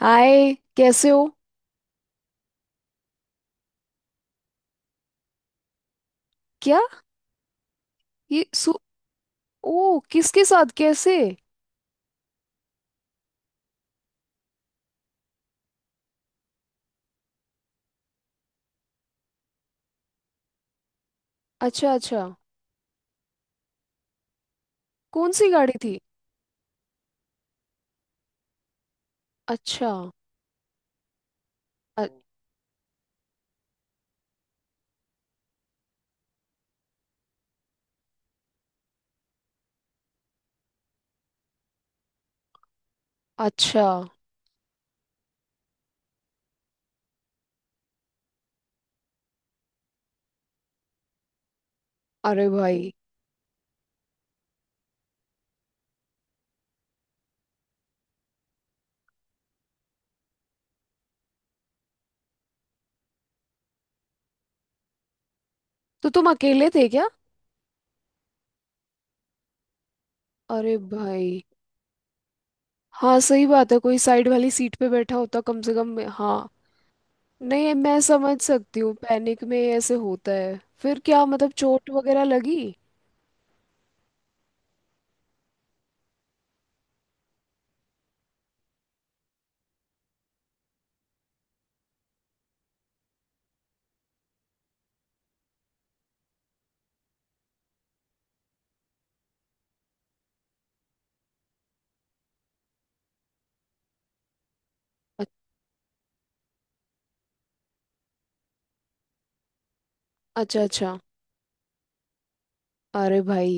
हाय, कैसे हो? क्या? ये सु ओ, किसके साथ कैसे? अच्छा, अच्छा। कौन सी गाड़ी थी? अच्छा। अ- अच्छा। अरे भाई। तो तुम अकेले थे क्या? अरे भाई। हाँ, सही बात है, कोई साइड वाली सीट पे बैठा होता कम से कम। हाँ। नहीं, मैं समझ सकती हूँ, पैनिक में ऐसे होता है। फिर क्या, मतलब चोट वगैरह लगी? अ- अच्छा, अच्छा। अरे भाई।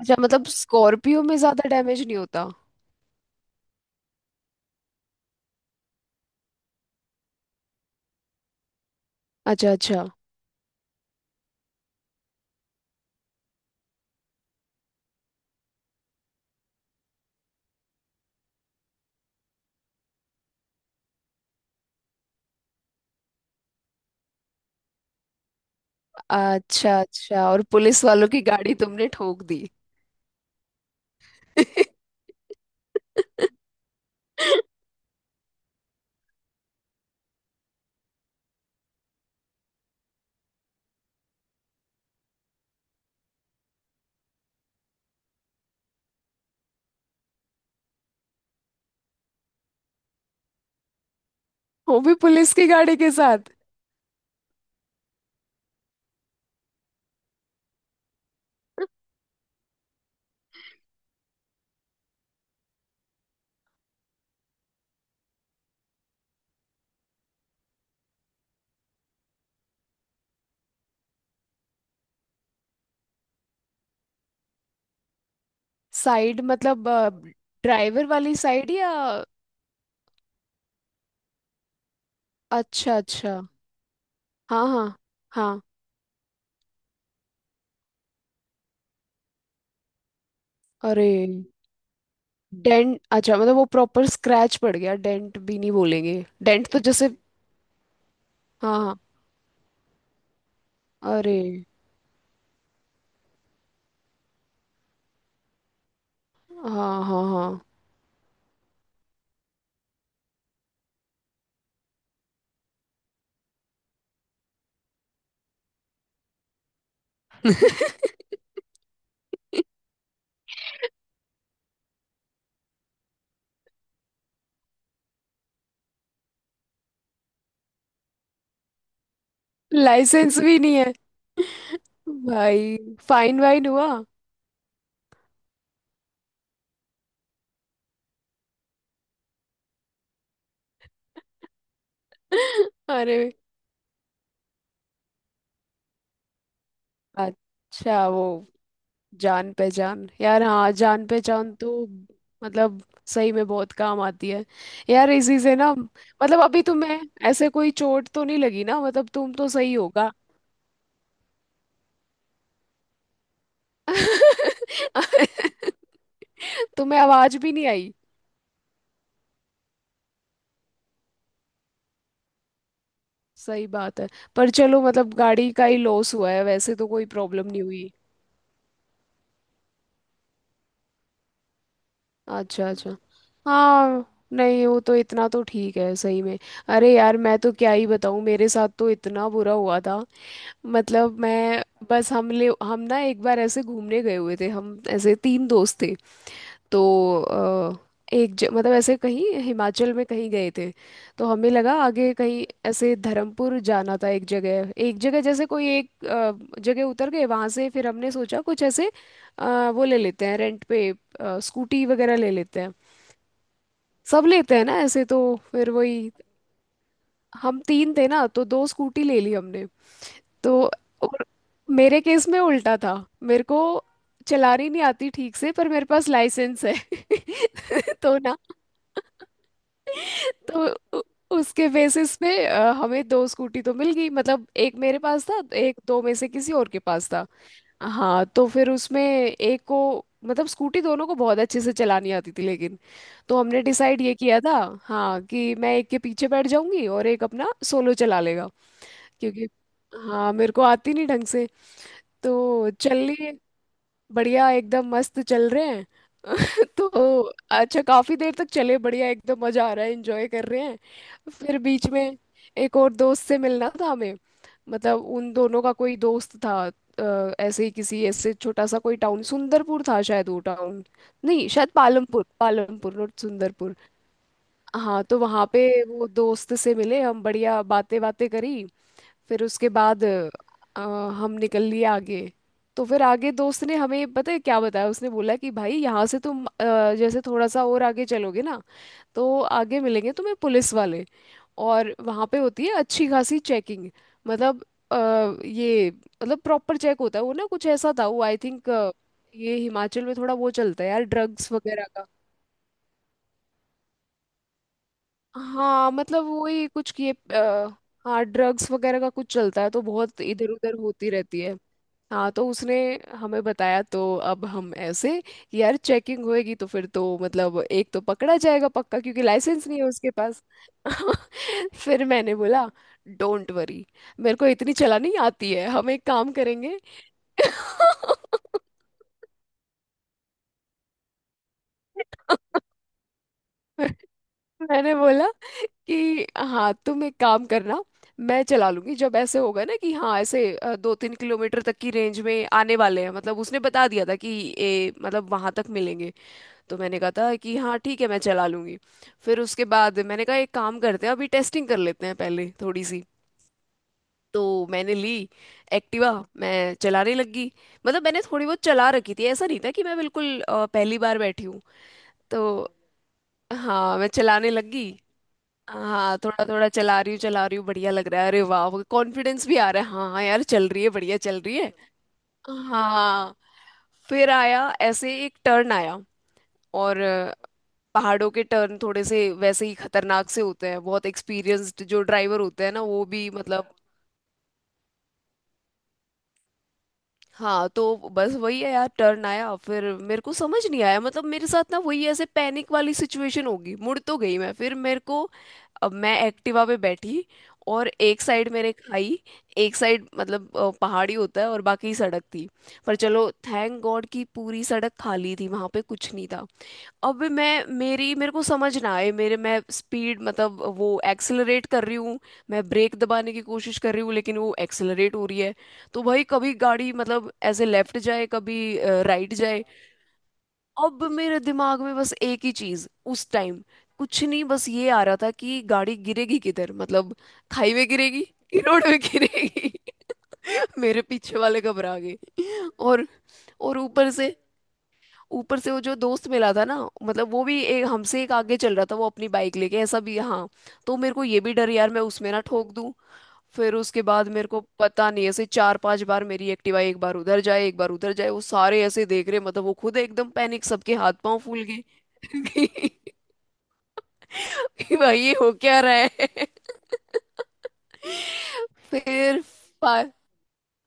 अच्छा, मतलब स्कॉर्पियो में ज्यादा डैमेज नहीं होता? अच्छा, अच्छा। अच्छा, अच्छा, और पुलिस वालों की गाड़ी तुमने ठोक दी? वो भी पुलिस की गाड़ी के साथ। साइड मतलब? ड्राइवर वाली साइड या? अच्छा, अच्छा। हाँ, हाँ, हाँ। अरे, डेंट? अच्छा मतलब वो प्रॉपर स्क्रैच पड़ गया, डेंट भी नहीं बोलेंगे, डेंट तो जैसे। हाँ, हाँ। अरे। हाँ, हाँ, हाँ। लाइसेंस भी नहीं है? भाई, फाइन वाइन हुआ? अरे। अच्छा, वो जान पहचान, यार, हाँ, जान पहचान तो। मतलब, सही में बहुत काम आती है। यार, इसी से ना, मतलब अभी तुम्हें, ऐसे कोई चोट तो नहीं लगी ना, मतलब तुम तो सही होगा। तुम्हें आवाज भी नहीं आई? सही बात है। पर चलो, मतलब गाड़ी का ही लॉस हुआ है, वैसे तो कोई प्रॉब्लम नहीं हुई। अच्छा, अच्छा। हाँ। नहीं, वो तो इतना तो ठीक है, सही में। अरे यार, मैं तो क्या ही बताऊँ, मेरे साथ तो इतना बुरा हुआ था। मतलब मैं, बस हम ना एक बार ऐसे घूमने गए हुए थे, हम ऐसे तीन दोस्त थे। तो अ, एक मतलब ऐसे कहीं हिमाचल में कहीं गए थे। तो हमें लगा आगे कहीं ऐसे धर्मपुर जाना था, एक जगह, एक जगह जैसे कोई एक जगह उतर गए वहां से। फिर हमने सोचा कुछ ऐसे वो ले लेते हैं रेंट पे, स्कूटी वगैरह ले लेते हैं। सब लेते हैं ना ऐसे तो। फिर वही। हम तीन थे ना, तो दो स्कूटी ले ली हमने। तो। और मेरे केस में उल्टा था। मेरे को चलानी नहीं आती ठीक से, पर मेरे पास लाइसेंस है। तो ना, तो उ- उसके बेसिस पे हमें दो स्कूटी तो मिल गई, मतलब एक मेरे पास था, एक दो में से किसी और के पास था। हाँ, तो फिर उसमें एक को, मतलब स्कूटी दोनों को बहुत अच्छे से चलानी आती थी, लेकिन। तो हमने डिसाइड ये किया था, हाँ, कि मैं एक के पीछे बैठ जाऊंगी और एक अपना सोलो चला लेगा। क्योंकि हाँ, मेरे को आती नहीं ढंग से। तो चल ली। बढ़िया, एकदम मस्त चल रहे हैं। तो। अच्छा, काफी देर तक चले, बढ़िया एकदम मजा आ रहा है, एंजॉय कर रहे हैं, फिर बीच में एक और दोस्त से मिलना था हमें। मतलब उन दोनों का कोई दोस्त था। ऐसे ही किसी ऐसे छोटा सा कोई टाउन, सुंदरपुर था शायद वो टाउन। नहीं शायद पालमपुर, पालमपुर, नॉट सुंदरपुर। हाँ तो वहाँ पे वो दोस्त से मिले हम, बढ़िया बातें बातें करी। फिर उसके बाद हम निकल लिए आगे। तो फिर आगे दोस्त ने हमें पता है क्या बताया, उसने बोला कि भाई, यहाँ से तुम जैसे थोड़ा सा और आगे चलोगे ना, तो आगे मिलेंगे तुम्हें पुलिस वाले, और वहाँ पे होती है अच्छी खासी चेकिंग। मतलब अ, ये मतलब प्रॉपर चेक होता है वो ना, कुछ ऐसा था वो आई थिंक। ये हिमाचल में थोड़ा वो चलता है यार, ड्रग्स वगैरह। हाँ, मतलब वही कुछ ये हाँ, ड्रग्स वगैरह का कुछ चलता है, तो बहुत इधर उधर होती रहती है। हाँ तो उसने हमें बताया, तो अब हम ऐसे, यार चेकिंग होएगी तो फिर तो मतलब, एक तो पकड़ा जाएगा पक्का क्योंकि लाइसेंस नहीं है उसके पास। फिर मैंने बोला डोंट वरी, मेरे को इतनी चलानी आती है, हम एक काम करेंगे। मैंने बोला कि हाँ, तुम एक काम करना, मैं चला लूंगी जब ऐसे होगा ना कि हाँ, ऐसे 2-3 किलोमीटर तक की रेंज में आने वाले हैं, मतलब उसने बता दिया था कि ये, मतलब वहां तक मिलेंगे। तो मैंने कहा था कि हाँ ठीक है, मैं चला लूंगी। फिर उसके बाद मैंने कहा एक काम करते हैं, अभी टेस्टिंग कर लेते हैं पहले थोड़ी सी। तो मैंने ली एक्टिवा, मैं चलाने लगी। मतलब मैंने थोड़ी बहुत चला रखी थी, ऐसा नहीं था कि मैं बिल्कुल पहली बार बैठी हूँ। तो हाँ, मैं चलाने लगी। हाँ, थोड़ा थोड़ा चला रही हूँ, चला रही हूँ, बढ़िया लग रहा है, अरे वाह कॉन्फिडेंस भी आ रहा है, हाँ हाँ यार चल रही है, बढ़िया चल रही है। हाँ। फिर आया ऐसे, एक टर्न आया, और पहाड़ों के टर्न थोड़े से वैसे ही खतरनाक से होते हैं, बहुत एक्सपीरियंस्ड जो ड्राइवर होते हैं ना, वो भी मतलब। हाँ, तो बस वही है यार, टर्न आया, फिर मेरे को समझ नहीं आया, मतलब मेरे साथ ना वही ऐसे पैनिक वाली सिचुएशन होगी, मुड़ तो गई मैं, फिर मेरे को, अब मैं एक्टिवा पे बैठी, और एक साइड मेरे खाई, एक साइड मतलब पहाड़ी होता है, और बाकी सड़क थी। पर चलो थैंक गॉड कि पूरी सड़क खाली थी, वहां पे कुछ नहीं था। अब मैं मेरी मेरे को समझ ना आए, मेरे मैं स्पीड मतलब वो एक्सेलरेट कर रही हूँ, मैं ब्रेक दबाने की कोशिश कर रही हूँ, लेकिन वो एक्सेलरेट हो रही है। तो भाई, कभी गाड़ी मतलब ऐसे लेफ्ट जाए, कभी राइट जाए। अब मेरे दिमाग में बस एक ही चीज, उस टाइम, कुछ नहीं, बस ये आ रहा था कि गाड़ी गिरेगी किधर, मतलब खाई में गिरेगी कि रोड में गिरेगी। मेरे पीछे वाले घबरा गए। और और ऊपर से वो जो दोस्त मिला था ना, मतलब वो भी, एक हमसे एक आगे चल रहा था वो, अपनी बाइक लेके, ऐसा भी हाँ। तो मेरे को ये भी डर यार, मैं उसमें ना ठोक दूं। फिर उसके बाद मेरे को पता नहीं ऐसे 4-5 बार मेरी एक्टिवा, एक बार उधर जाए, एक बार उधर जाए, वो सारे ऐसे देख रहे, मतलब वो खुद एकदम पैनिक, सबके हाथ पांव फूल गए। कि भाई ये हो क्या रहा है। फिर फा-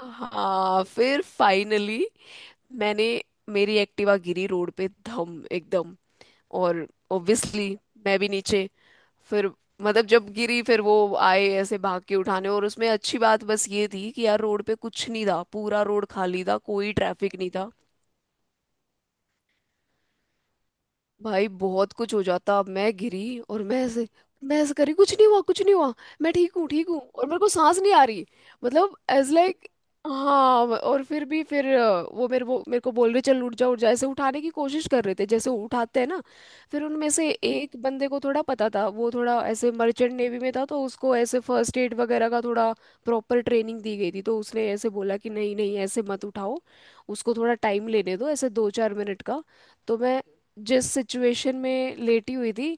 हाँ, फिर फाइनली मैंने, मेरी एक्टिवा गिरी रोड पे, धम एकदम। और ऑब्वियसली मैं भी नीचे। फिर, मतलब जब गिरी फिर वो आए ऐसे भाग के उठाने, और उसमें अच्छी बात बस ये थी कि यार रोड पे कुछ नहीं था, पूरा रोड खाली था, कोई ट्रैफिक नहीं था। भाई बहुत कुछ हो जाता, मैं गिरी और मैं ऐसे, मैं ऐसे करी, कुछ नहीं हुआ, कुछ नहीं हुआ, मैं ठीक हूँ, ठीक हूँ, और मेरे को सांस नहीं आ रही। मतलब एज लाइक। हाँ, और फिर भी फिर वो मेरे को बोल रहे चल उठ जा, उठ जा, ऐसे उठाने की कोशिश कर रहे थे जैसे उठाते हैं ना। फिर उनमें से एक बंदे को थोड़ा पता था, वो थोड़ा ऐसे मर्चेंट नेवी में था, तो उसको ऐसे फर्स्ट एड वगैरह का थोड़ा प्रॉपर ट्रेनिंग दी गई थी, तो उसने ऐसे बोला कि नहीं, नहीं, ऐसे मत उठाओ, उसको थोड़ा टाइम लेने दो, ऐसे 2-4 मिनट का। तो मैं जिस सिचुएशन में लेटी हुई थी,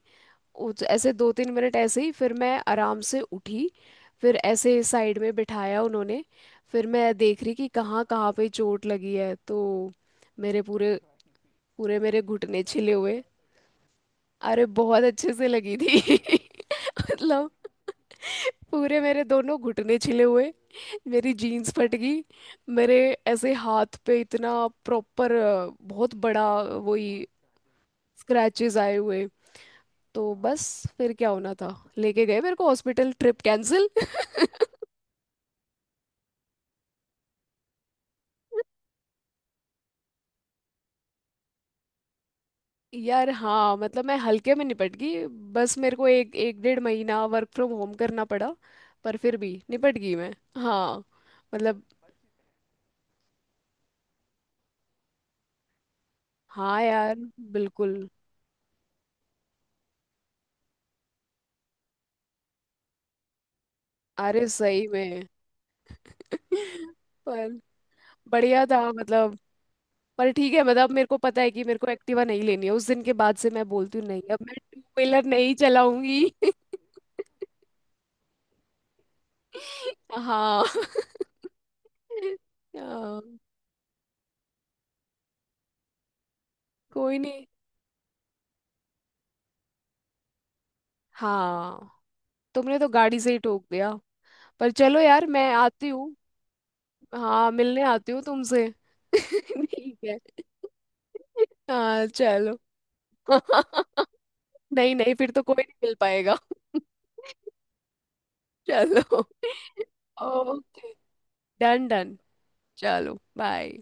ऐसे 2-3 मिनट ऐसे ही, फिर मैं आराम से उठी। फिर ऐसे साइड में बिठाया उन्होंने। फिर मैं देख रही कि कहाँ कहाँ पे चोट लगी है, तो मेरे पूरे पूरे मेरे घुटने छिले हुए। अरे बहुत अच्छे से लगी थी। मतलब पूरे मेरे दोनों घुटने छिले हुए, मेरी जीन्स फट गई, मेरे ऐसे हाथ पे इतना प्रॉपर, बहुत बड़ा वही, स्क्रैचेस आए हुए। तो बस, फिर क्या होना था, लेके गए मेरे को हॉस्पिटल, ट्रिप कैंसिल। यार हाँ, मतलब मैं हल्के में निपट गई। बस मेरे को एक एक डेढ़ महीना वर्क फ्रॉम होम करना पड़ा, पर फिर भी निपट गई मैं। हाँ, मतलब हाँ यार, बिल्कुल। अरे, सही में। पर बढ़िया था मतलब, पर ठीक है मतलब, मेरे को पता है कि मेरे को एक्टिवा नहीं लेनी है। उस दिन के बाद से मैं बोलती हूँ नहीं, अब मैं टू व्हीलर नहीं चलाऊंगी। हाँ। हाँ, कोई नहीं। हाँ, तुमने तो गाड़ी से ही ठोक दिया। पर चलो यार, मैं आती हूँ, हाँ मिलने आती हूँ तुमसे। ठीक है। हाँ, चलो। नहीं, नहीं, फिर तो कोई नहीं मिल पाएगा। चलो। ओके। Done, done. चलो, बाय।